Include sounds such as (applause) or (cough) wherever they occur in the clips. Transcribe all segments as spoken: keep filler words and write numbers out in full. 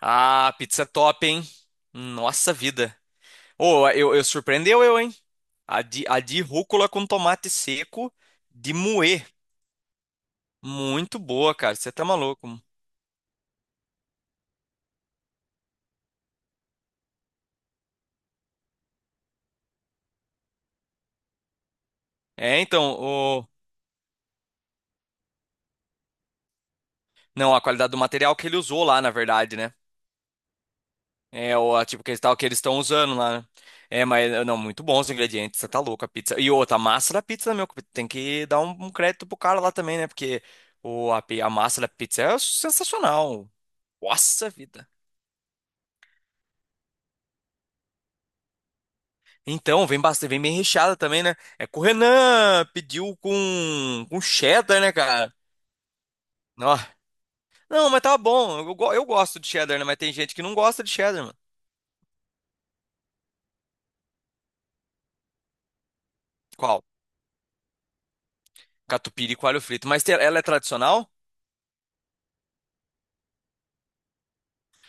Ah, pizza top, hein? Nossa vida. Ô, eu, eu surpreendeu eu, hein? A de, a de rúcula com tomate seco de moer. Muito boa, cara. Você tá maluco. É, então, o... não, a qualidade do material que ele usou lá, na verdade, né? É, o a- tipo que eles tal que eles estão usando lá, né? É, mas não, muito bons os ingredientes. Você tá louco a pizza. E outra, a massa da pizza, meu, tem que dar um, um crédito pro cara lá também, né? Porque o, a, pi- a massa da pizza é sensacional. Nossa vida. Então, vem bastante, vem bem recheada também, né? É com o Renan, pediu com, com cheddar, né, cara? Ó. Não, mas tá bom. Eu, go- eu gosto de cheddar, né? Mas tem gente que não gosta de cheddar, mano. Qual? Catupiry e alho frito. Mas te- ela é tradicional?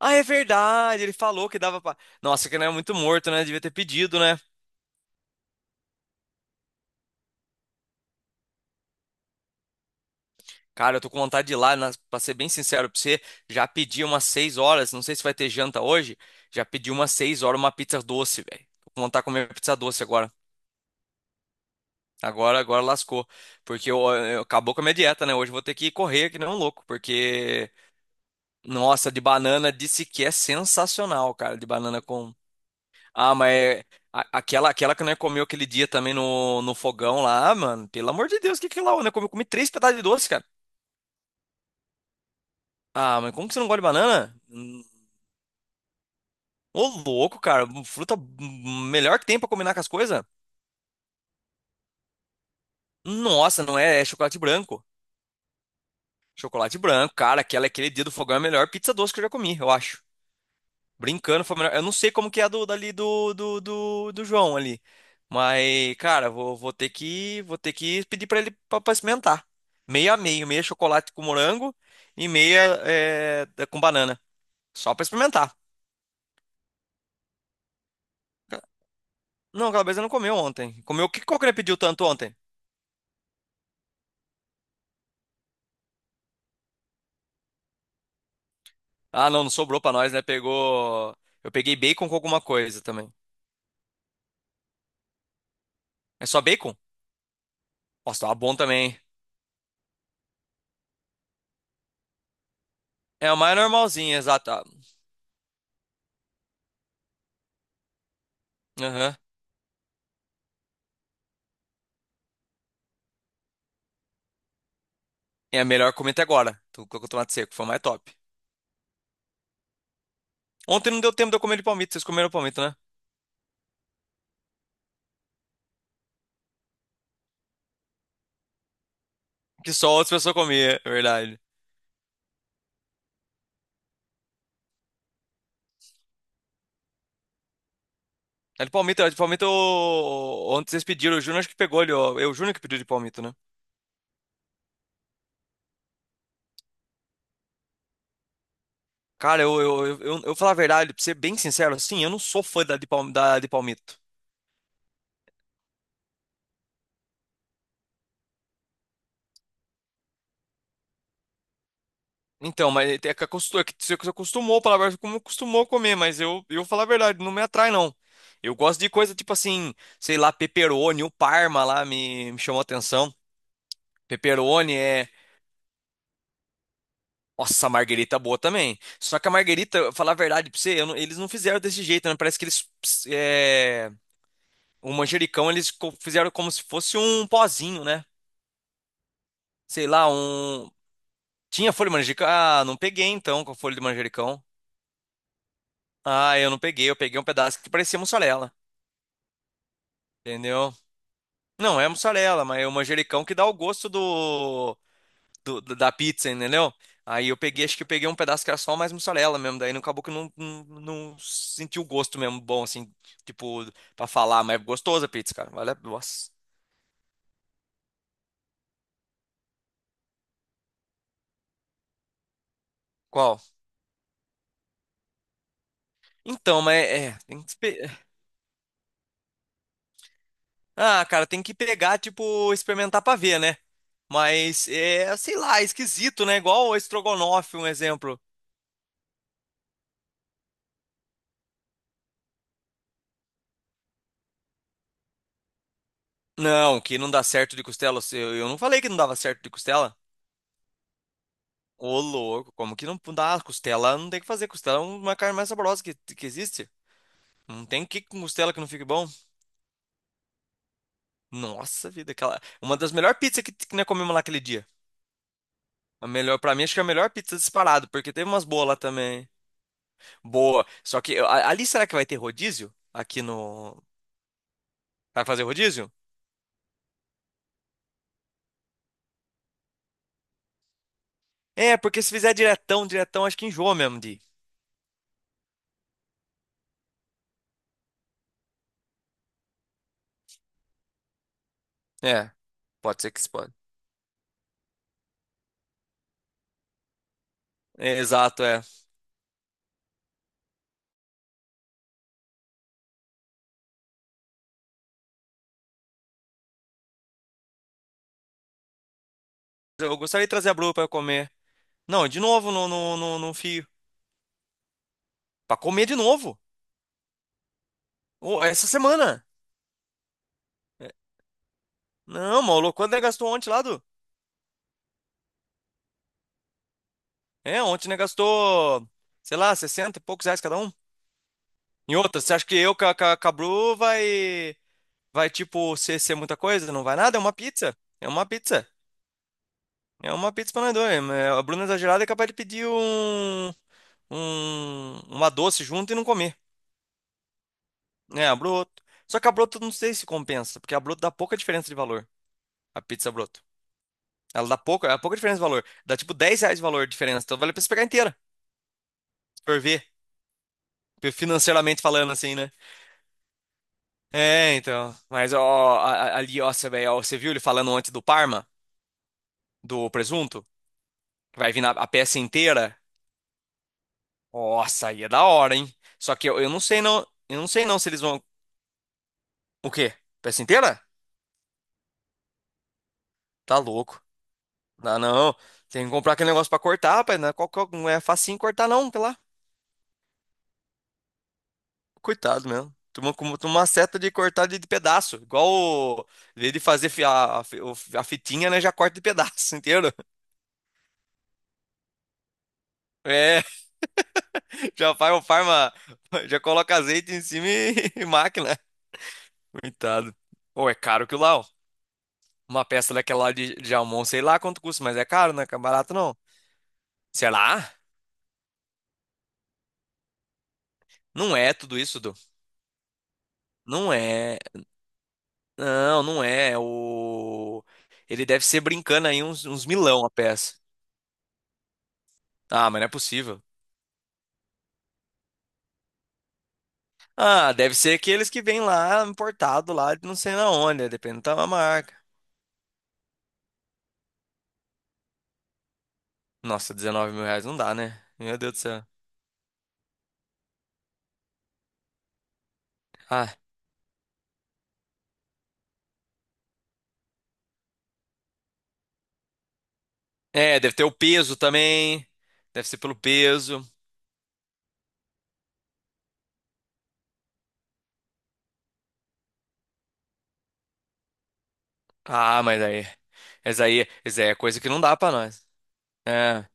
Ah, é verdade. Ele falou que dava pra. Nossa, que não é muito morto, né? Devia ter pedido, né? Cara, eu tô com vontade de ir lá, na- pra ser bem sincero pra você. Já pedi umas seis horas. Não sei se vai ter janta hoje. Já pedi umas seis horas uma pizza doce, velho. Tô com vontade de comer pizza doce agora. Agora, agora lascou. Porque eu, eu- acabou com a minha dieta, né? Hoje eu vou ter que correr que nem um louco. Porque, nossa, de banana disse que é sensacional, cara. De banana com. Ah, mas é- a- aquela, aquela que nós comeu aquele dia também no, no fogão lá, ah, mano. Pelo amor de Deus, o que que é lá? Né? Eu comi, comi três pedaços de doce, cara. Ah, mas como que você não gosta de banana? Hum. Ô, louco, cara. Fruta melhor que tem pra combinar com as coisas. Nossa, não é, é chocolate branco. Chocolate branco, cara. Aquela, aquele dia do fogão é a melhor pizza doce que eu já comi, eu acho. Brincando, foi a melhor. Eu não sei como que é a do, dali do, do, do, do João ali. Mas, cara, vou, vou ter que, vou ter que pedir pra ele pra, pra experimentar. Meia a meio, meia chocolate com morango e meia é, com banana. Só pra experimentar. Não, aquela vez eu não comeu ontem. Comeu o que qual que ele pediu tanto ontem? Ah, não, não sobrou pra nós, né? Pegou. Eu peguei bacon com alguma coisa também. É só bacon? Nossa, tava bom também. É a mais normalzinha, exata. Aham. É a melhor comida até agora. Tu colocou tomate seco, foi a mais top. Ontem não deu tempo de eu comer de palmito. Vocês comeram palmito, né? Que só outras pessoas comiam, é verdade. É de palmito, é de palmito. eu- Ontem vocês pediram, o Júnior acho que pegou ali, ó. É o Júnior que pediu de palmito, né? Cara, eu, eu, eu, eu, eu falar a verdade, pra ser bem sincero, assim, eu não sou fã da de, palm, da de palmito. Então, mas é que acostumou, que você você acostumou, palavra como acostumou a comer, mas eu, eu falar a verdade, não me atrai, não. Eu gosto de coisa tipo assim, sei lá, pepperoni, o Parma lá me, me chamou a atenção. Pepperoni é. Nossa, a marguerita é boa também. Só que a marguerita, falar a verdade pra você, eu não- eles não fizeram desse jeito, né? Parece que eles. É, o manjericão eles co- fizeram como se fosse um pozinho, né? Sei lá, um. Tinha folha de manjericão? Ah, não peguei então com a folha de manjericão. Ah, eu não peguei, eu peguei um pedaço que parecia mussarela, entendeu? Não, é mussarela, mas é o manjericão que dá o gosto do. do- da da pizza, entendeu? Aí eu peguei, acho que eu peguei um pedaço que era só mais mussarela mesmo, daí não acabou que eu não, não, não senti o gosto mesmo bom, assim, tipo, pra falar, mas gostosa a pizza, cara. Olha, nossa. Qual? Então, mas é, tem que, espe- ah, cara, tem que pegar, tipo, experimentar pra ver, né? Mas é, sei lá, é esquisito, né? Igual o estrogonofe, um exemplo. Não, que não dá certo de costela. Eu eu não falei que não dava certo de costela. Ô, louco, como que não dá? Costela não tem o que fazer. Costela é um, uma carne mais saborosa que, que existe. Não tem que com costela que não fique bom. Nossa vida, aquela. Uma das melhores pizzas que, que nós comemos lá aquele dia. A melhor, pra mim, acho que é a melhor pizza disparado, porque teve umas boas lá também. Boa. Só que a- ali será que vai ter rodízio? Aqui no. Vai fazer rodízio? É, porque se fizer diretão, diretão, acho que enjoa mesmo de ir. É, pode ser que se pode. É, exato, é. Eu gostaria de trazer a Blue pra eu comer. Não, de novo no, no, no, no fio. Pra comer de novo. Ô, essa semana. É, não, maluco, quanto ele gastou ontem lá, do? É, ontem ele gastou, sei lá, sessenta e poucos reais cada um. Em outra, você acha que eu com a, com a- com a Bru vai, vai, tipo, ser, ser muita coisa? Não vai nada, é uma pizza. É uma pizza. É uma pizza pra nós dois. É, é, a Bruna é exagerada é capaz de pedir um, um, uma doce junto e não comer. É, a broto. Só que a broto não sei se compensa, porque a broto dá pouca diferença de valor. A pizza broto. Ela dá pouca, é pouca diferença de valor. Dá tipo dez reais de valor de diferença, então vale a pena você pegar inteira. Por ver, financeiramente falando assim, né? É, então. Mas ó, a- a- ali, ó, você vê, ó, você viu ele falando antes do Parma, do presunto, que vai vir na- a peça inteira? Nossa, aí é da hora, hein? Só que eu, eu não sei não, eu não sei não se eles vão. O quê? Peça inteira? Tá louco. Não, não. Tem que comprar aquele negócio pra cortar, rapaz. Não é, qual, qual- não é facinho cortar, não, tá lá. Coitado mesmo. Toma, como- toma uma seta de cortar de, de pedaço. Igual o, em vez de fazer fi- a, a fi- o- a fitinha, né? Já corta de pedaço (laughs) inteiro. É. Já faz o farma, já coloca azeite em cima e, (laughs) e máquina. Coitado. Ou é caro que lá, ó. Uma peça daquela lá de, de Almon, sei lá quanto custa, mas é caro, né? Que é barato não. Sei lá, não é tudo isso, Du. Não é. Não, não é. O... Ele deve ser brincando aí uns, uns milão a peça. Ah, mas não é possível. Ah, deve ser aqueles que vêm lá importado lá de não sei na onde, né? Depende da marca. Nossa, dezenove mil reais não dá, né? Meu Deus do céu. Ah, é, deve ter o peso também. Deve ser pelo peso. Ah, mas aí. Essa aí, essa aí é coisa que não dá pra nós. É.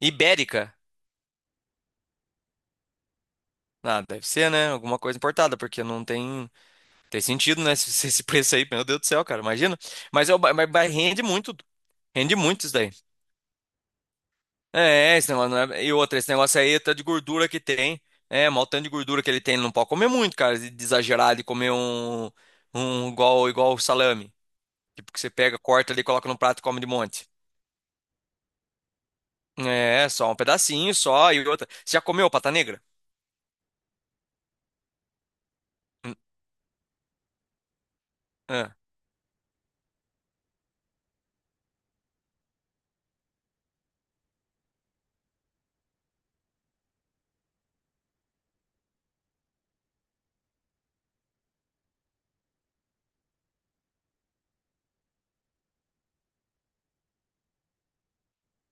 Ibérica. Ah, deve ser, né? Alguma coisa importada, porque não tem, tem sentido, né? (laughs) Esse, esse esse preço aí, meu Deus do céu, cara, imagina. Mas, é o ba- mas, mas rende muito, rende muito isso daí. É, esse negócio não é- E outra, esse negócio aí, tá de gordura que tem. É, mal tanto de gordura que ele tem, ele não pode comer muito, cara, de de exagerar, de comer um, um igual, igual salame. Tipo, que você pega, corta ali, coloca no prato e come de monte. É, só um pedacinho só e outra. Você já comeu pata negra? Hum, é.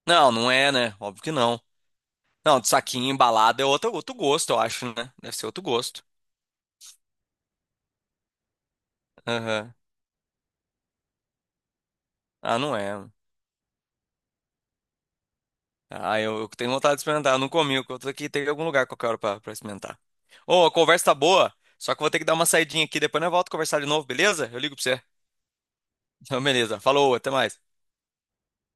Não, não é, né? Óbvio que não. Não, de saquinho embalado é outro, outro gosto, eu acho, né? Deve ser outro gosto. Aham. Ah, não é. Ah, eu, eu tenho vontade de experimentar. Eu não comi, eu tô aqui, tem algum lugar qualquer hora pra, pra experimentar. Ô, a conversa tá boa, só que eu vou ter que dar uma saidinha aqui, depois nós volto a conversar de novo, beleza? Eu ligo pra você. Então, beleza. Falou, até mais.